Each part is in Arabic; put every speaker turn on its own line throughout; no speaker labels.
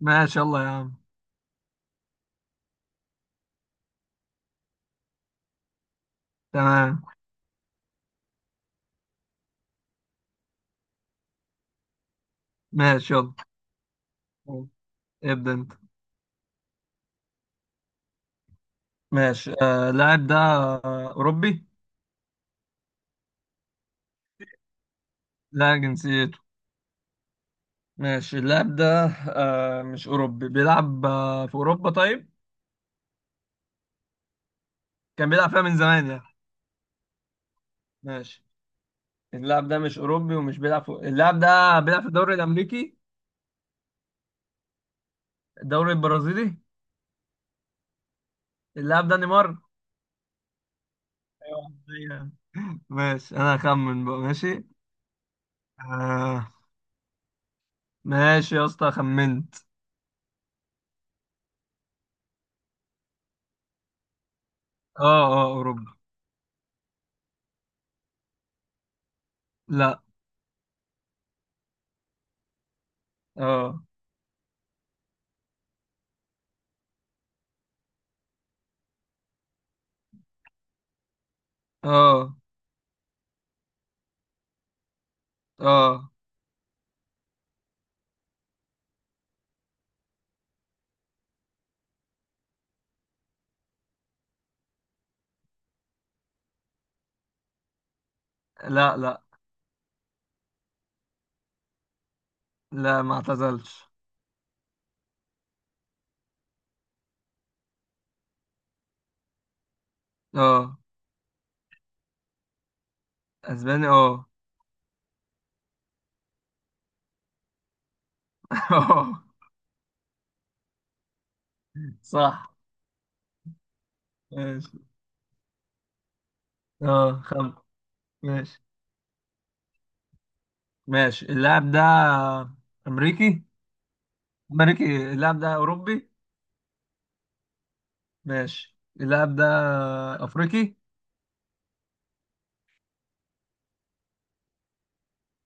ماشي، يلا يا عم. تمام. ماشي يلا. ابدأ انت. ماشي. اللاعب ده أوروبي؟ لا، جنسيته. ماشي، اللاعب ده مش أوروبي، بيلعب في أوروبا طيب؟ كان بيلعب فيها من زمان يعني. ماشي، اللاعب ده مش أوروبي ومش بيلعب في، اللاعب ده بيلعب في الدوري الأمريكي، الدوري البرازيلي. اللاعب ده نيمار. ايوه، أيوة. ماشي، أنا هخمن بقى. ماشي. آه. ماشي يا اسطى، خمنت. اه، اه، أوروبا. لا. اه، اه، اه، لا، لا، لا، ما اعتزلش. اه، اسباني. اه اه. صح. ماشي. اه، ماشي. ماشي اللاعب ده امريكي. امريكي؟ اللاعب ده اوروبي. ماشي، اللاعب ده افريقي.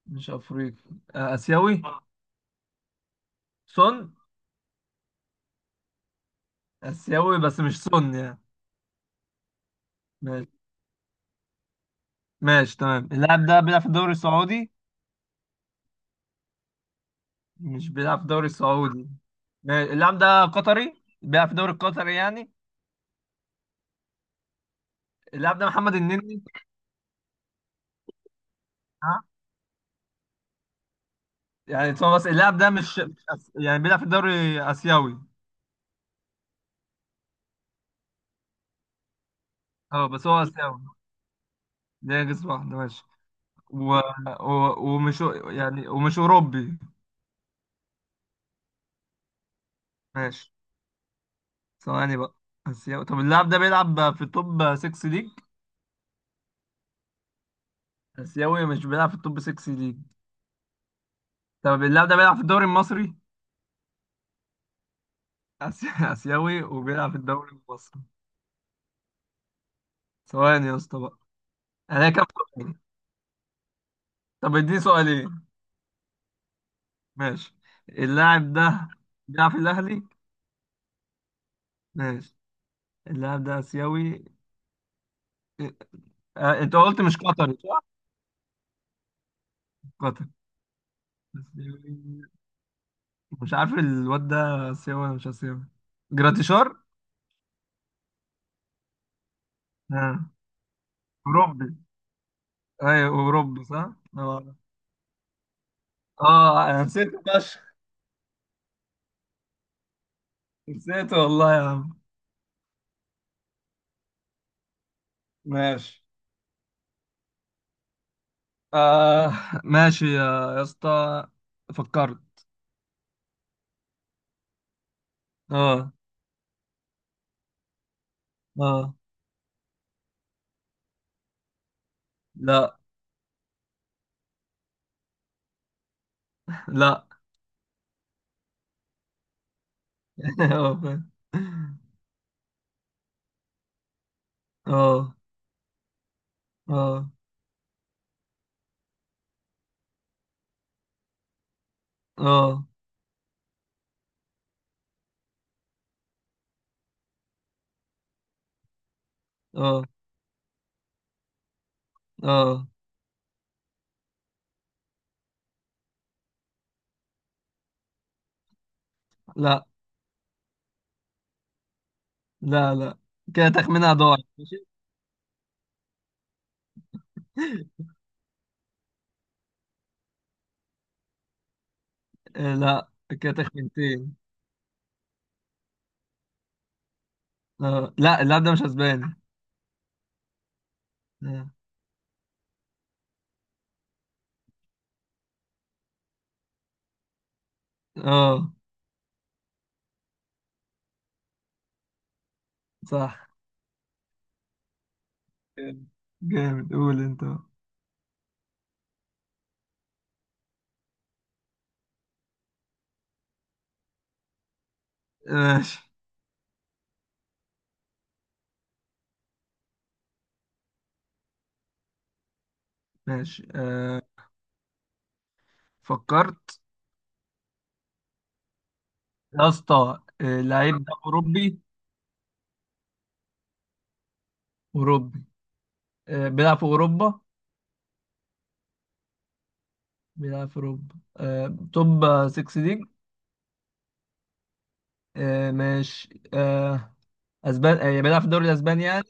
مش افريقي. آه، اسيوي. سون. اسيوي بس مش سون يعني. ماشي ماشي، تمام، اللاعب ده بيلعب في الدوري السعودي. مش بيلعب في الدوري السعودي. ماشي، اللاعب ده قطري بيلعب في الدوري القطري يعني. اللاعب ده محمد النني. ها. يعني هو، بس اللاعب ده مش مش أس... يعني بيلعب في الدوري اسيوي. اه بس هو اسيوي. ده جنس واحد. ماشي. و... ومش يعني، ومش اوروبي. ماشي. ثواني بقى. اسيوي، طب اللاعب ده بيلعب في التوب 6 ليج؟ اسيوي مش بيلعب في التوب 6 ليج. طب اللاعب ده بيلعب في الدوري المصري؟ أسي... اسيوي وبيلعب في الدوري المصري. ثواني يا اسطى بقى. انا كام سؤال؟ طب اديني سؤالين. ماشي. اللاعب ده بيلعب في الاهلي. ماشي، اللاعب ده آسيوي. إيه، آه، انت قلت مش قطري صح؟ قطر، آسيوي. مش عارف الواد ده آسيوي ولا مش آسيوي. جراتيشار؟ اه، أوروبي. أيوه أوروبي صح؟ اه. اه، أنا نسيت فشخ. نسيت والله يا عم. ماشي. آه. ماشي يا اسطى، فكرت. اه، اه، لا، لا، اه فاهم. اه، اه، اه، اه، اه، لا، لا، لا، كده تخمينها ضاع. ماشي. آه، لا. كده تخمينتين. آه. لا، اللاعب ده مش اسباني. اه. آه، صح. جامد. جامد. قول انت بقى. ماشي. ماشي. آه. فكرت يا اسطى. آه، اللعيب ده اوروبي. اوروبي. آه. بيلعب في اوروبا. بيلعب في اوروبا. آه. توب 6 ليج. آه. ماشي. آه. اسبان، آه، يعني بيلعب في الدوري الاسباني يعني.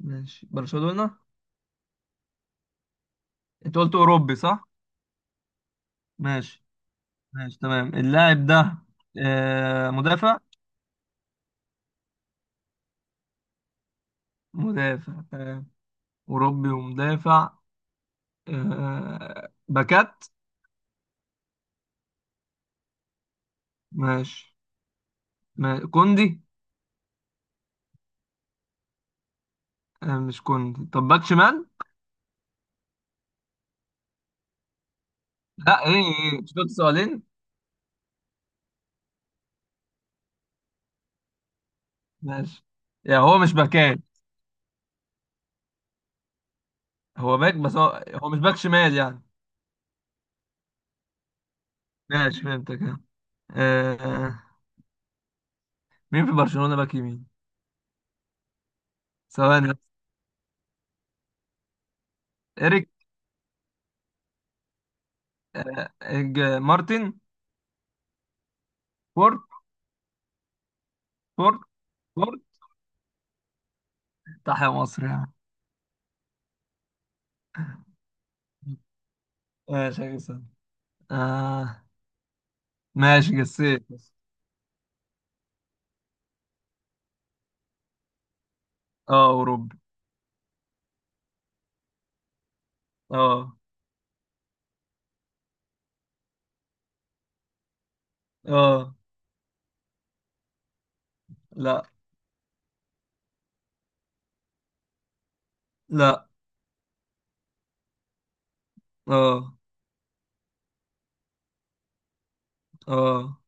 ماشي، برشلونة. انت قلت اوروبي صح؟ ماشي ماشي، تمام، اللاعب ده مدافع. مدافع، تمام. أوروبي ومدافع. آه، باكات. ماشي. كوندي. آه، مش كوندي. طب باك شمال. لا. ايه، ايه، شفت، سؤالين؟ ماشي. يعني هو مش باكات. هو باك، بس هو مش باك شمال يعني. ماشي فهمتك. آه، آه، مين في برشلونة باك يمين؟ ثواني بس. إريك. آه، مارتن. فورت. فورت. فورت. تحيا مصر يعني. ماشي يا جسام. آه. ماشي، قسيت. اه، أوروبي. اه. اه، لا، لا. اه، اه،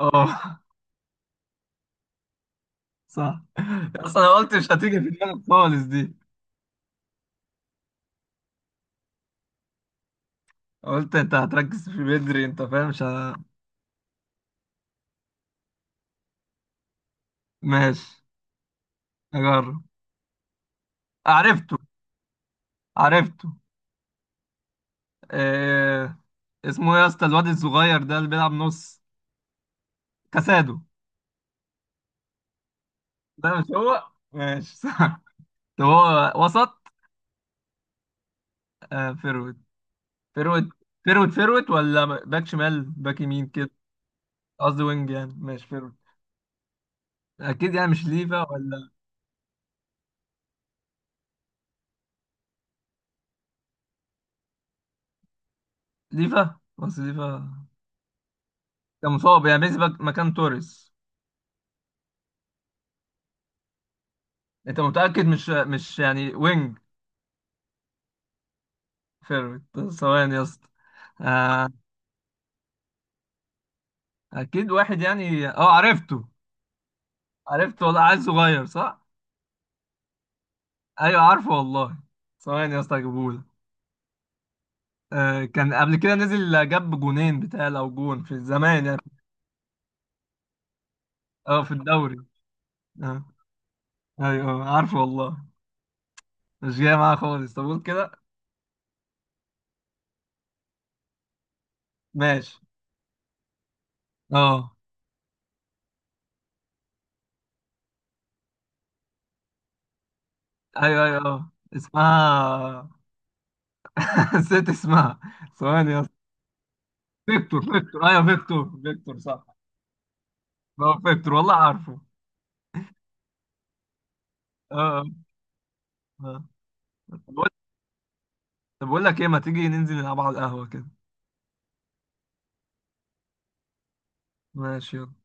اه، صح. أصلا أنا قلت مش هتيجي في دماغك خالص دي. قلت أنت هتركز في بدري. أنت فاهم مش ه... ماشي. أجرب. عرفته. عرفته. آه... اسمه إيه يا اسطى الواد الصغير ده اللي بيلعب نص؟ كاسادو. ده مش هو؟ ماشي صح. طب هو وسط. آه، فيرويد. فيرويد، فيرويد ولا باك شمال باك يمين كده؟ قصدي وينج يعني. ماشي، فيرويد. اكيد يعني مش ليفا ولا؟ ليفا. بس ليفا كان مصاب يعني بينزل مكان توريس. انت متأكد مش يعني وينج؟ فيرويد. ثواني يا اسطى. آه، اكيد واحد يعني. اه، عرفته. عرفته والله. عيل صغير صح؟ ايوه عارفه والله. ثواني يا اسطى هجيبهولك. آه، كان قبل كده نزل جاب جونين بتاع او جون في زمان يعني. اه، في الدوري. اه، ايوه. آه، عارفه والله. مش جاية معاها خالص. طب قول كده. ماشي. اه، ايوه. ايوه اه اسمها. نسيت اسمها. ثواني يا اسطى. فيكتور، فيكتور، ايوه فيكتور. فيكتور، صح. هو فيكتور والله عارفه. اه. اه. آه. طب بقول. طب بقول لك ايه، ما تيجي ننزل نلعب على القهوة كده؟ ماشي يلا.